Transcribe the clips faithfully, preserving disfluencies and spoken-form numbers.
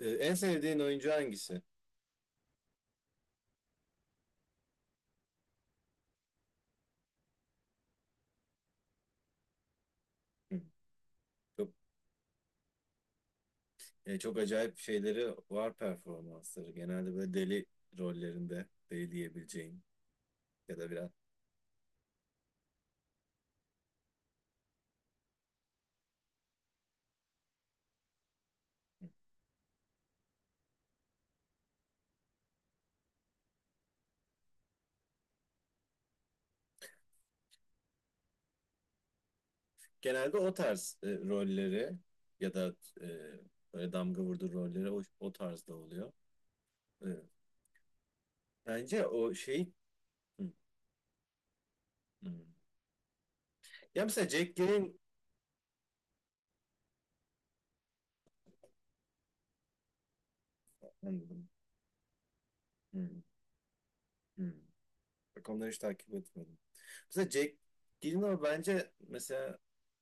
Ee, en sevdiğin oyuncu hangisi? Hı. Çok, e, çok acayip şeyleri var performansları. Genelde böyle deli rollerinde deli diyebileceğin ya da biraz. Genelde o tarz e, rolleri ya da e, böyle damga vurdu rolleri o, o tarzda oluyor. E, Bence o şey... Hı, hı. Ya mesela Jack Gyllenhaal... Hı, hı, hı. Bak onları hiç takip etmedim. Mesela Jack Gyllenhaal bence mesela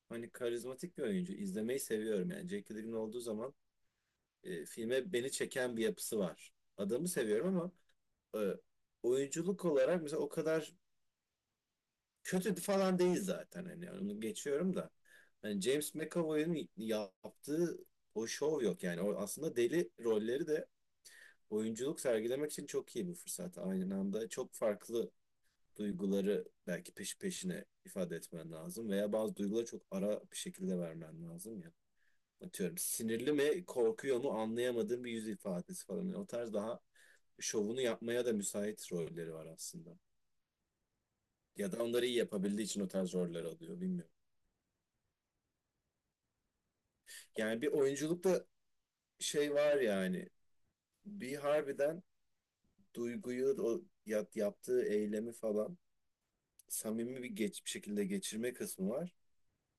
hani karizmatik bir oyuncu. İzlemeyi seviyorum yani. Jack Gyllenhaal olduğu zaman e, filme beni çeken bir yapısı var. Adamı seviyorum ama e, oyunculuk olarak mesela o kadar kötü falan değil zaten. Hani yani onu geçiyorum da. Hani James McAvoy'un yaptığı o şov yok yani. O aslında deli rolleri de oyunculuk sergilemek için çok iyi bir fırsat. Aynı anda çok farklı duyguları belki peşi peşine ifade etmen lazım veya bazı duyguları çok ara bir şekilde vermen lazım ya. Atıyorum sinirli mi korkuyor mu anlayamadığım bir yüz ifadesi falan. Yani o tarz daha şovunu yapmaya da müsait rolleri var aslında. Ya da onları iyi yapabildiği için o tarz roller alıyor bilmiyorum. Yani bir oyunculukta şey var yani bir harbiden duyguyu o yap- yaptığı eylemi falan samimi bir geç bir şekilde geçirme kısmı var.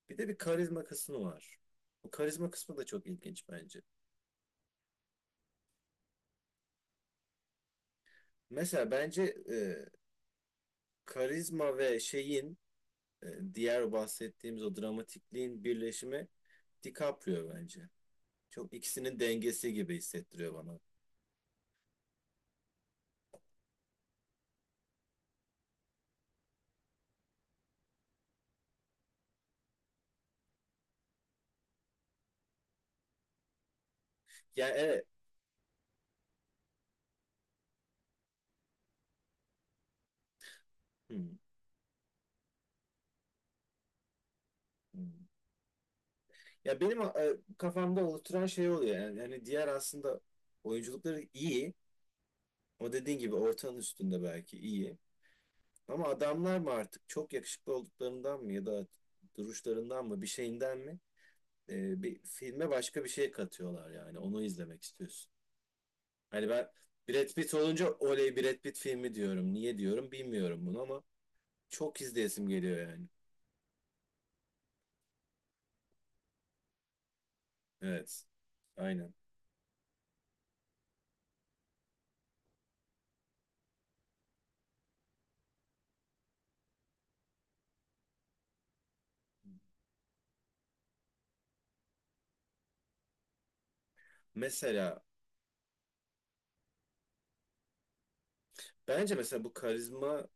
Bir de bir karizma kısmı var. Bu karizma kısmı da çok ilginç bence. Mesela bence e, karizma ve şeyin e, diğer bahsettiğimiz o dramatikliğin birleşimi DiCaprio bence. Çok ikisinin dengesi gibi hissettiriyor bana. Yani evet. Hmm, hmm. Ya benim e, kafamda oluşturan şey oluyor. Yani, yani diğer aslında oyunculukları iyi. O dediğin gibi ortanın üstünde belki iyi. Ama adamlar mı artık çok yakışıklı olduklarından mı ya da duruşlarından mı bir şeyinden mi e, bir filme başka bir şey katıyorlar yani onu izlemek istiyorsun. Hani ben Brad Pitt olunca oley Brad Pitt filmi diyorum. Niye diyorum bilmiyorum bunu ama çok izleyesim geliyor yani. Evet. Aynen. Mesela bence mesela bu karizma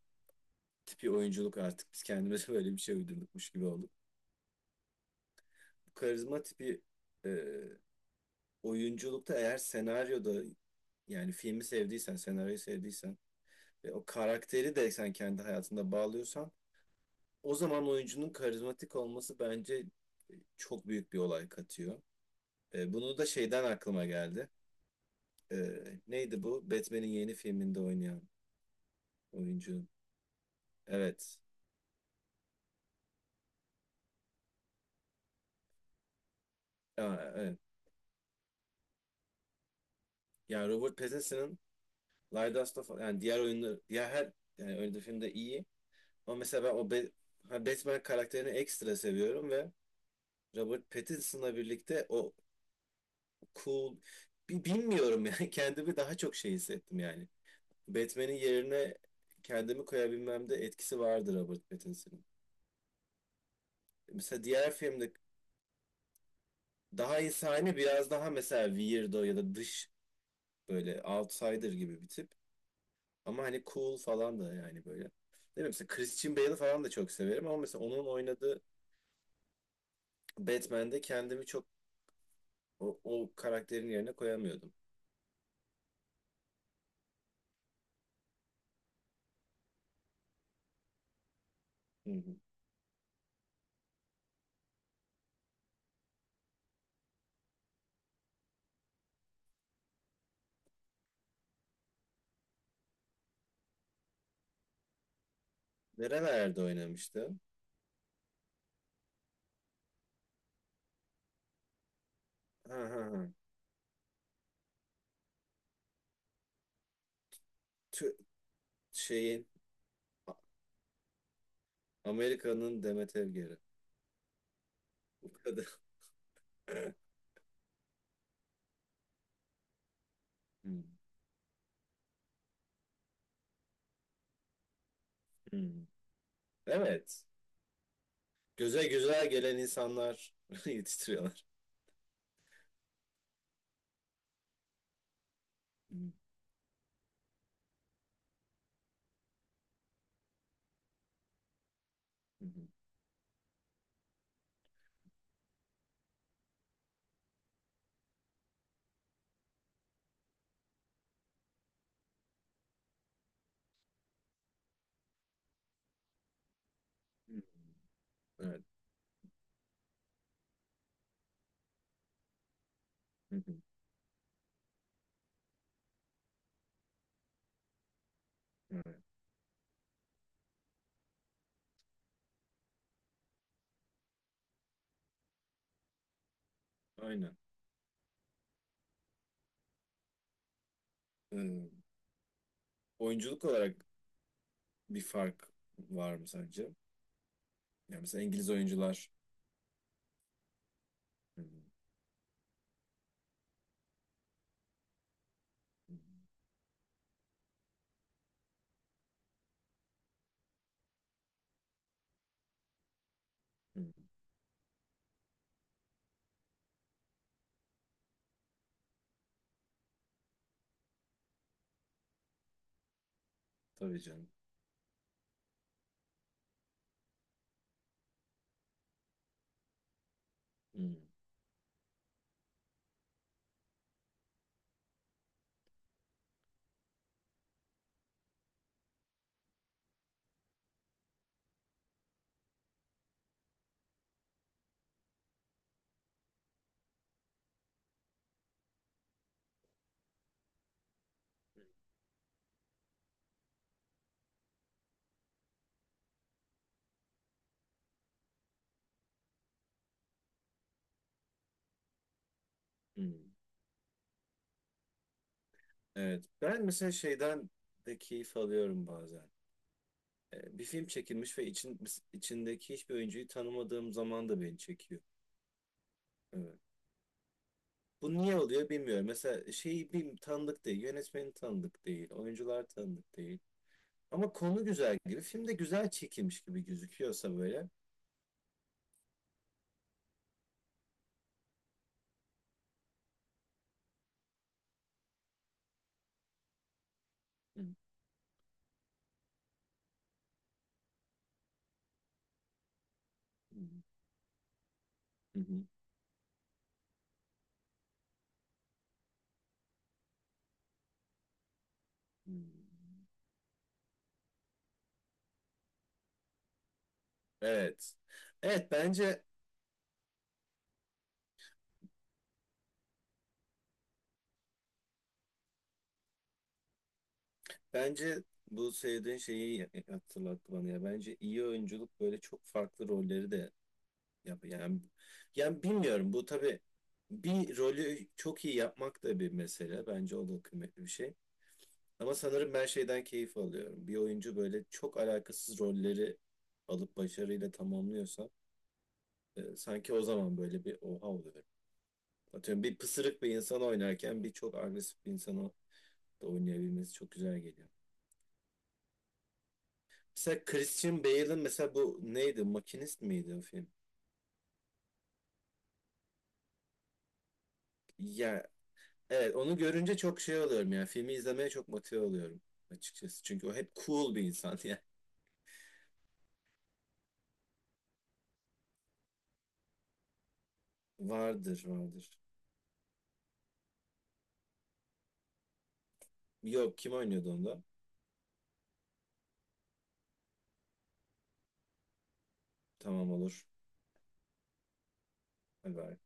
tipi oyunculuk artık biz kendimize böyle bir şey uydurdukmuş gibi olduk. Bu karizma tipi e, oyunculukta eğer senaryoda yani filmi sevdiysen, senaryoyu sevdiysen ve o karakteri de sen kendi hayatında bağlıyorsan o zaman oyuncunun karizmatik olması bence e, çok büyük bir olay katıyor. E, bunu da şeyden aklıma geldi. E, Neydi bu? Batman'in yeni filminde oynayan oyuncu. Evet. Aa, evet. Yani Robert Pattinson'ın Light of yani diğer oyunlar diğer her yani oynadığı filmde iyi. Ama mesela ben o Be- ha, Batman karakterini ekstra seviyorum ve Robert Pattinson'la birlikte o cool. Bi- Bilmiyorum yani kendimi daha çok şey hissettim yani. Batman'in yerine kendimi koyabilmemde etkisi vardır Robert Pattinson'ın. Mesela diğer filmde daha insani biraz daha mesela weirdo ya da dış böyle outsider gibi bir tip. Ama hani cool falan da yani böyle. Değil mi? Mesela Christian Bale'ı falan da çok severim ama mesela onun oynadığı Batman'de kendimi çok o, o karakterin yerine koyamıyordum. Hı hı. Nerelerde oynamıştı? Ha ha ha. Tü- şeyin Amerika'nın Demet Evgeri. Hmm, hmm. Evet. Göze güzel gelen insanlar yetiştiriyorlar. Hmm, hmm, hmm. Evet. Hmm, hmm, evet. Aynen. Hmm. Oyunculuk olarak bir fark var mı sence? Yani mesela İngiliz oyuncular. Hmm, hmm, hmm. Tabii canım. Hmm, hmm. Evet. Ben mesela şeyden de keyif alıyorum bazen. Ee, Bir film çekilmiş ve için, içindeki hiçbir oyuncuyu tanımadığım zaman da beni çekiyor. Evet. Bu niye oluyor bilmiyorum. Mesela şeyi bir tanıdık değil, yönetmeni tanıdık değil, oyuncular tanıdık değil. Ama konu güzel gibi, film de güzel çekilmiş gibi gözüküyorsa böyle. Hı, hı, hı, hı, hı. Evet. Evet bence bence bu söylediğin şeyi hatırlattı bana ya. Bence iyi oyunculuk böyle çok farklı rolleri de yap yani yani bilmiyorum bu tabii bir rolü çok iyi yapmak da bir mesele. Bence o da kıymetli bir şey. Ama sanırım ben şeyden keyif alıyorum. Bir oyuncu böyle çok alakasız rolleri alıp başarıyla tamamlıyorsa e, sanki o zaman böyle bir oha oluyorum. Atıyorum bir pısırık bir insan oynarken bir çok agresif bir insanı da oynayabilmesi çok güzel geliyor. Mesela Christian Bale'ın mesela bu neydi? Makinist miydi o film? Ya evet onu görünce çok şey oluyorum yani filmi izlemeye çok motive oluyorum açıkçası. Çünkü o hep cool bir insan yani. Vardır vardır. Yok kim oynuyordu onda? Tamam olur. Hadi